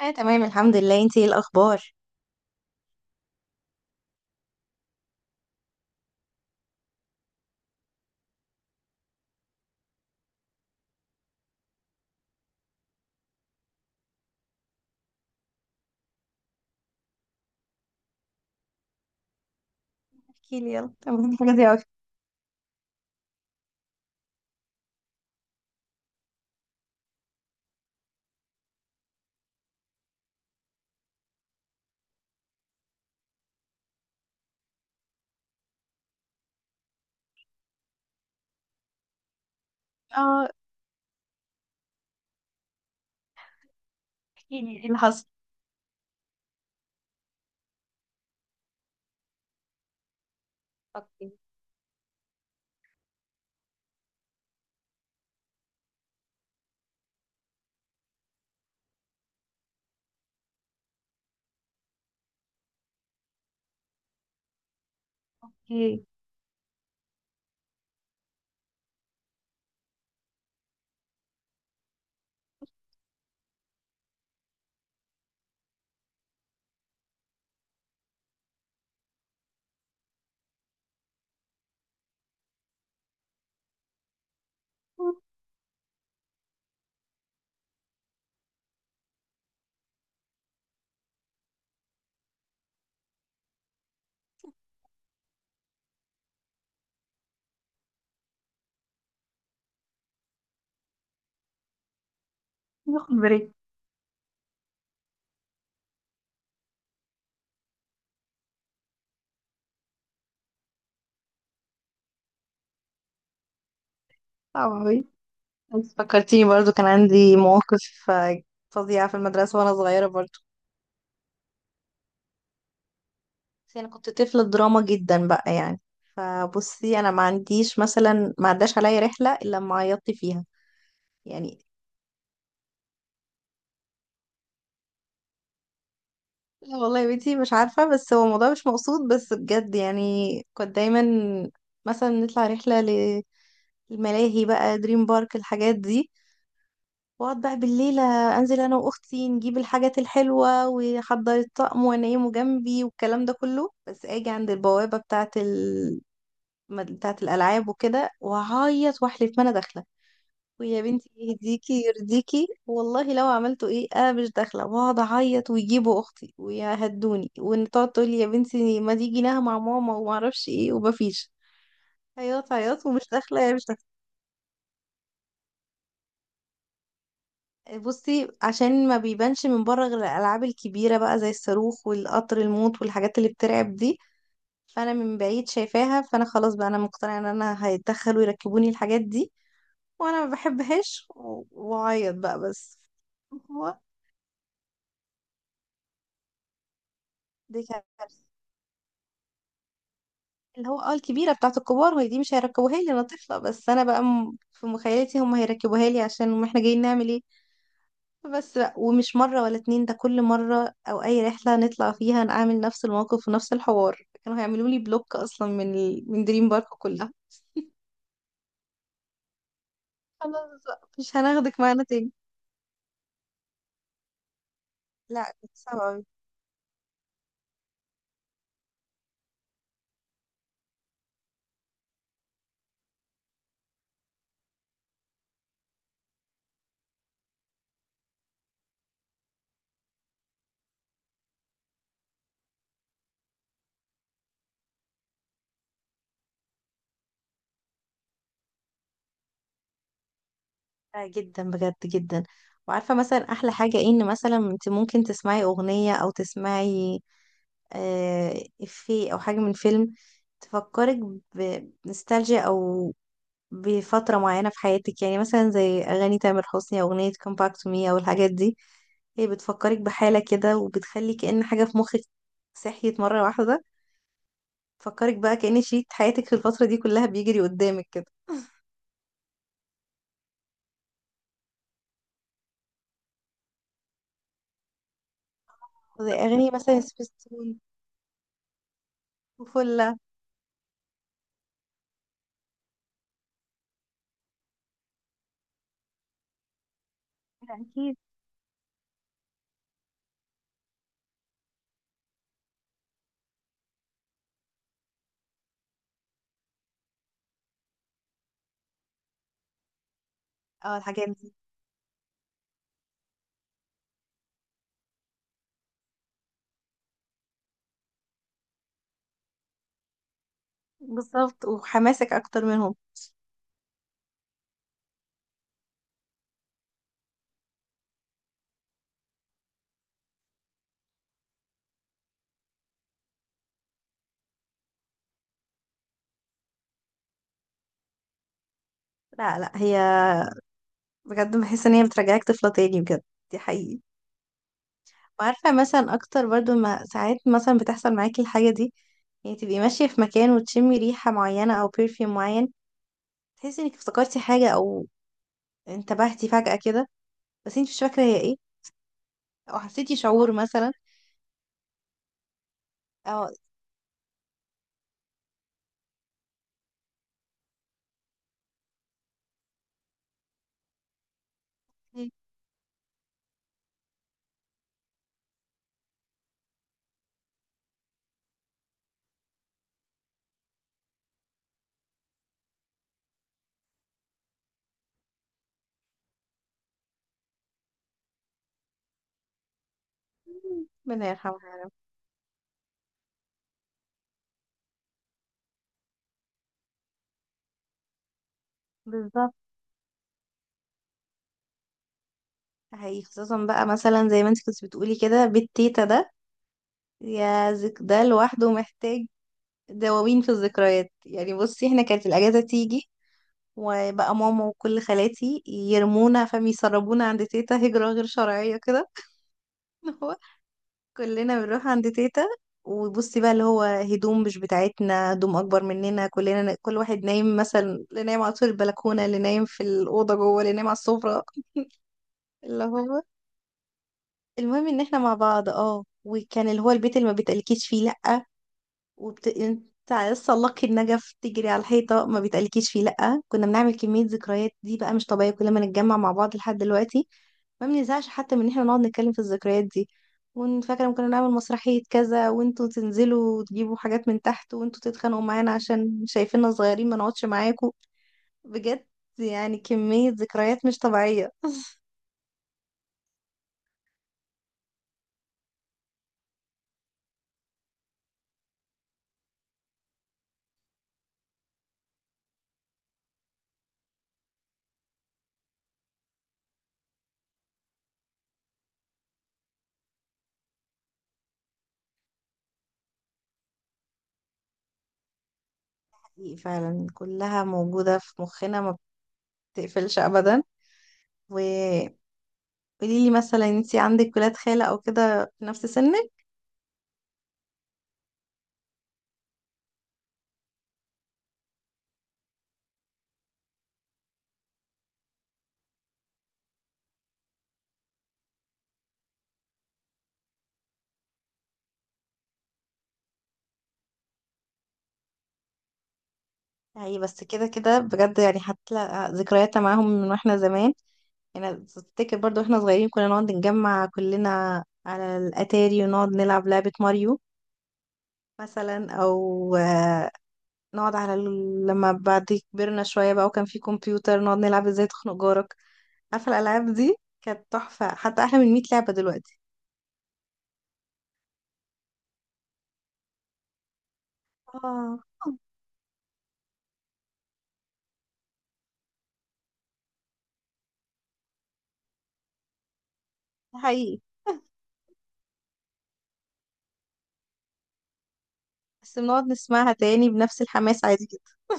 اه، تمام الحمد لله. انتي ايه الاخبار؟ احكي لي يلا. تمام، حاجه زي اوي. اه احكي لي ايه اللي حصل. اوكي. اوكي. ناخد بريك. صعب اوي. انت فكرتيني برضو كان عندي مواقف فظيعه في المدرسه وانا صغيره برضو. بس انا كنت طفله دراما جدا بقى، فبصي انا ما عنديش مثلا ما عداش عليا رحله الا لما عيطت فيها. يعني لا والله يا بنتي مش عارفة، بس هو الموضوع مش مقصود، بس بجد كنت دايما مثلا نطلع رحلة للملاهي بقى، دريم بارك الحاجات دي، واقعد بقى بالليل انزل انا واختي نجيب الحاجات الحلوة واحضر الطقم وانيمه جنبي والكلام ده كله، بس اجي عند البوابة بتاعة بتاعة الالعاب وكده واعيط واحلف ما انا داخلة. ويا بنتي يهديكي يرضيكي والله لو عملتوا ايه انا مش داخله، واقعد اعيط ويجيبوا اختي ويهدوني وان تقعد تقولي يا بنتي ما دي جيناها مع ماما وما اعرفش ايه، ومفيش، عياط عياط ومش داخله يا مش داخله. بصي، عشان ما بيبانش من بره غير الالعاب الكبيره بقى زي الصاروخ والقطر الموت والحاجات اللي بترعب دي، فانا من بعيد شايفاها، فانا خلاص بقى انا مقتنعه ان انا هيتدخلوا يركبوني الحاجات دي وانا ما بحبهاش واعيط بقى بس. هو دي كارثه، اللي هو اه الكبيرة بتاعة الكبار وهي دي مش هيركبوها لي انا طفلة، بس انا بقى في مخيلتي هم هيركبوها لي، عشان ما احنا جايين نعمل ايه بس بقى. ومش مرة ولا اتنين، ده كل مرة او اي رحلة نطلع فيها نعمل نفس الموقف ونفس الحوار. كانوا هيعملوا لي بلوك اصلا من من دريم بارك كلها. خلاص بقى مش هناخدك معانا تاني. لا، كانت صعبة أوي. لا جدا، بجد جدا. وعارفة مثلا احلى حاجة ايه؟ ان مثلا انت ممكن تسمعي اغنية او تسمعي آه، إفيه أو حاجة من فيلم تفكرك بنوستالجيا أو بفترة معينة في حياتك، يعني مثلا زي أغاني تامر حسني أو أغنية Come Back to Me أو الحاجات دي. هي بتفكرك بحالة كده وبتخلي كأن حاجة في مخك صحيت مرة واحدة، تفكرك بقى كأن شريط حياتك في الفترة دي كلها بيجري قدامك كده. زي أغاني مثلا سبيستون وفلة. لا، أكيد. اه الحاجات دي. بالظبط، وحماسك أكتر منهم. لا لا، هي بجد بحس إن هي بترجعك طفلة تاني بجد، دي حقيقي. وعارفة مثلا أكتر برضو ما ساعات مثلا بتحصل معاكي الحاجة دي، يعني تبقي ماشية في مكان وتشمي ريحة معينة أو برفيوم معين، تحسي إنك افتكرتي حاجة أو انتبهتي فجأة كده بس انت مش فاكرة هي ايه، أو حسيتي شعور مثلا أو ربنا يرحمها. بالظبط حقيقي، خصوصا بقى مثلا زي ما انت كنت بتقولي كده بالتيتا ده، يا ذك ده لوحده محتاج دواوين في الذكريات. يعني بصي احنا كانت الأجازة تيجي وبقى ماما وكل خالاتي يرمونا فاهم يسربونا عند تيتا هجرة غير شرعية كده. اللي هو كلنا بنروح عند تيتا. وبصي بقى اللي هو هدوم مش بتاعتنا، هدوم اكبر مننا كلنا، كل واحد نايم مثلا، اللي نايم على طول البلكونة، اللي نايم في الأوضة جوه، اللي نايم على السفرة. اللي هو المهم ان احنا مع بعض. اه، وكان اللي هو البيت اللي ما بيتقلكيش فيه لأ. انت لسه لقي النجف تجري على الحيطة ما بيتقلكيش فيه لأ. كنا بنعمل كمية ذكريات دي بقى مش طبيعية، كل ما نتجمع مع بعض لحد دلوقتي ما بنزهقش حتى من ان احنا نقعد نتكلم في الذكريات دي. وفاكره ممكن نعمل مسرحيه كذا وانتوا تنزلوا وتجيبوا حاجات من تحت وانتوا تتخانقوا معانا عشان شايفيننا صغيرين ما نقعدش معاكم. بجد، يعني كميه ذكريات مش طبيعيه. حقيقي فعلا كلها موجوده في مخنا، ما بتقفلش ابدا. وقولي لي مثلا انتي عندك ولاد خالة او كده في نفس سنك؟ يعني بس كده كده بجد، هتلاقي ذكريات معاهم من واحنا زمان. يعني تفتكر برضو احنا صغيرين كنا نقعد نجمع كلنا على الاتاري ونقعد نلعب لعبة ماريو مثلا او نقعد على لما بعد كبرنا شوية بقى وكان في كمبيوتر نقعد نلعب ازاي تخنق جارك. عارفة الالعاب دي؟ كانت تحفة، حتى احلى من 100 لعبة دلوقتي. اه ده حقيقي، بس بنقعد نسمعها تاني بنفس الحماس عادي جدا.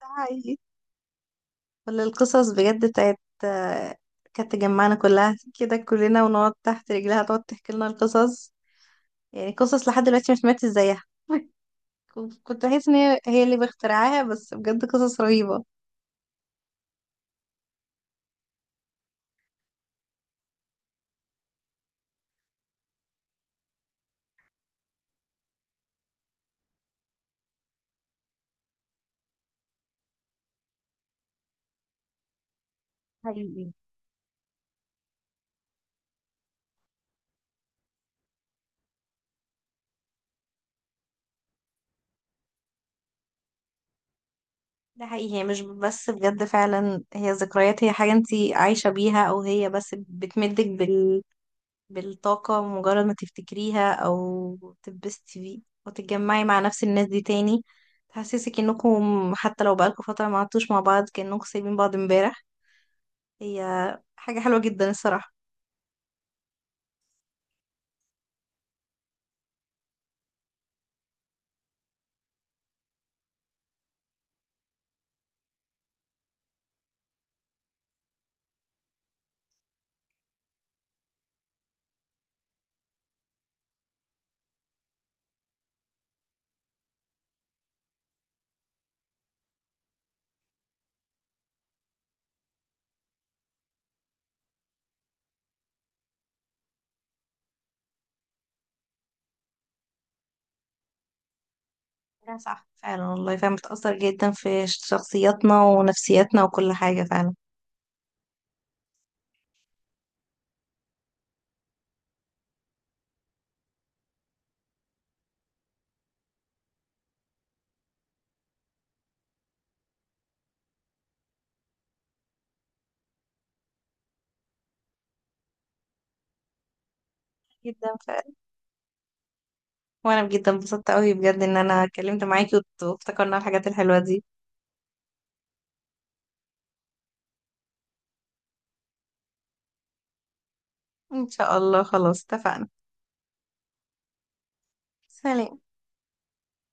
ده حقيقي، ولا القصص بجد بتاعت كانت تجمعنا كلها كده كلنا ونقعد تحت رجلها تقعد تحكي لنا القصص، يعني قصص لحد دلوقتي مش ماتت زيها. كنت بحس ان هي اللي بخترعاها، بس بجد قصص رهيبة. حقيقي. ده حقيقي، هي مش بس بجد فعلا هي ذكريات، هي حاجة انتي عايشة بيها او هي بس بتمدك بالطاقة، مجرد ما تفتكريها او تتبسطي بيه وتتجمعي مع نفس الناس دي تاني، تحسسك انكم حتى لو بقالكم فترة ما عدتوش مع بعض كأنكم سايبين بعض امبارح. هي حاجة حلوة جدا الصراحة. لا صح فعلا، والله فعلا بتأثر جدا في شخصياتنا ونفسياتنا وكل حاجة فعلا. جدا فعلا، وانا جدا انبسطت قوي بجد ان انا اتكلمت معاكي وافتكرنا الحاجات الحلوة دي. ان شاء الله، خلاص اتفقنا. سلام.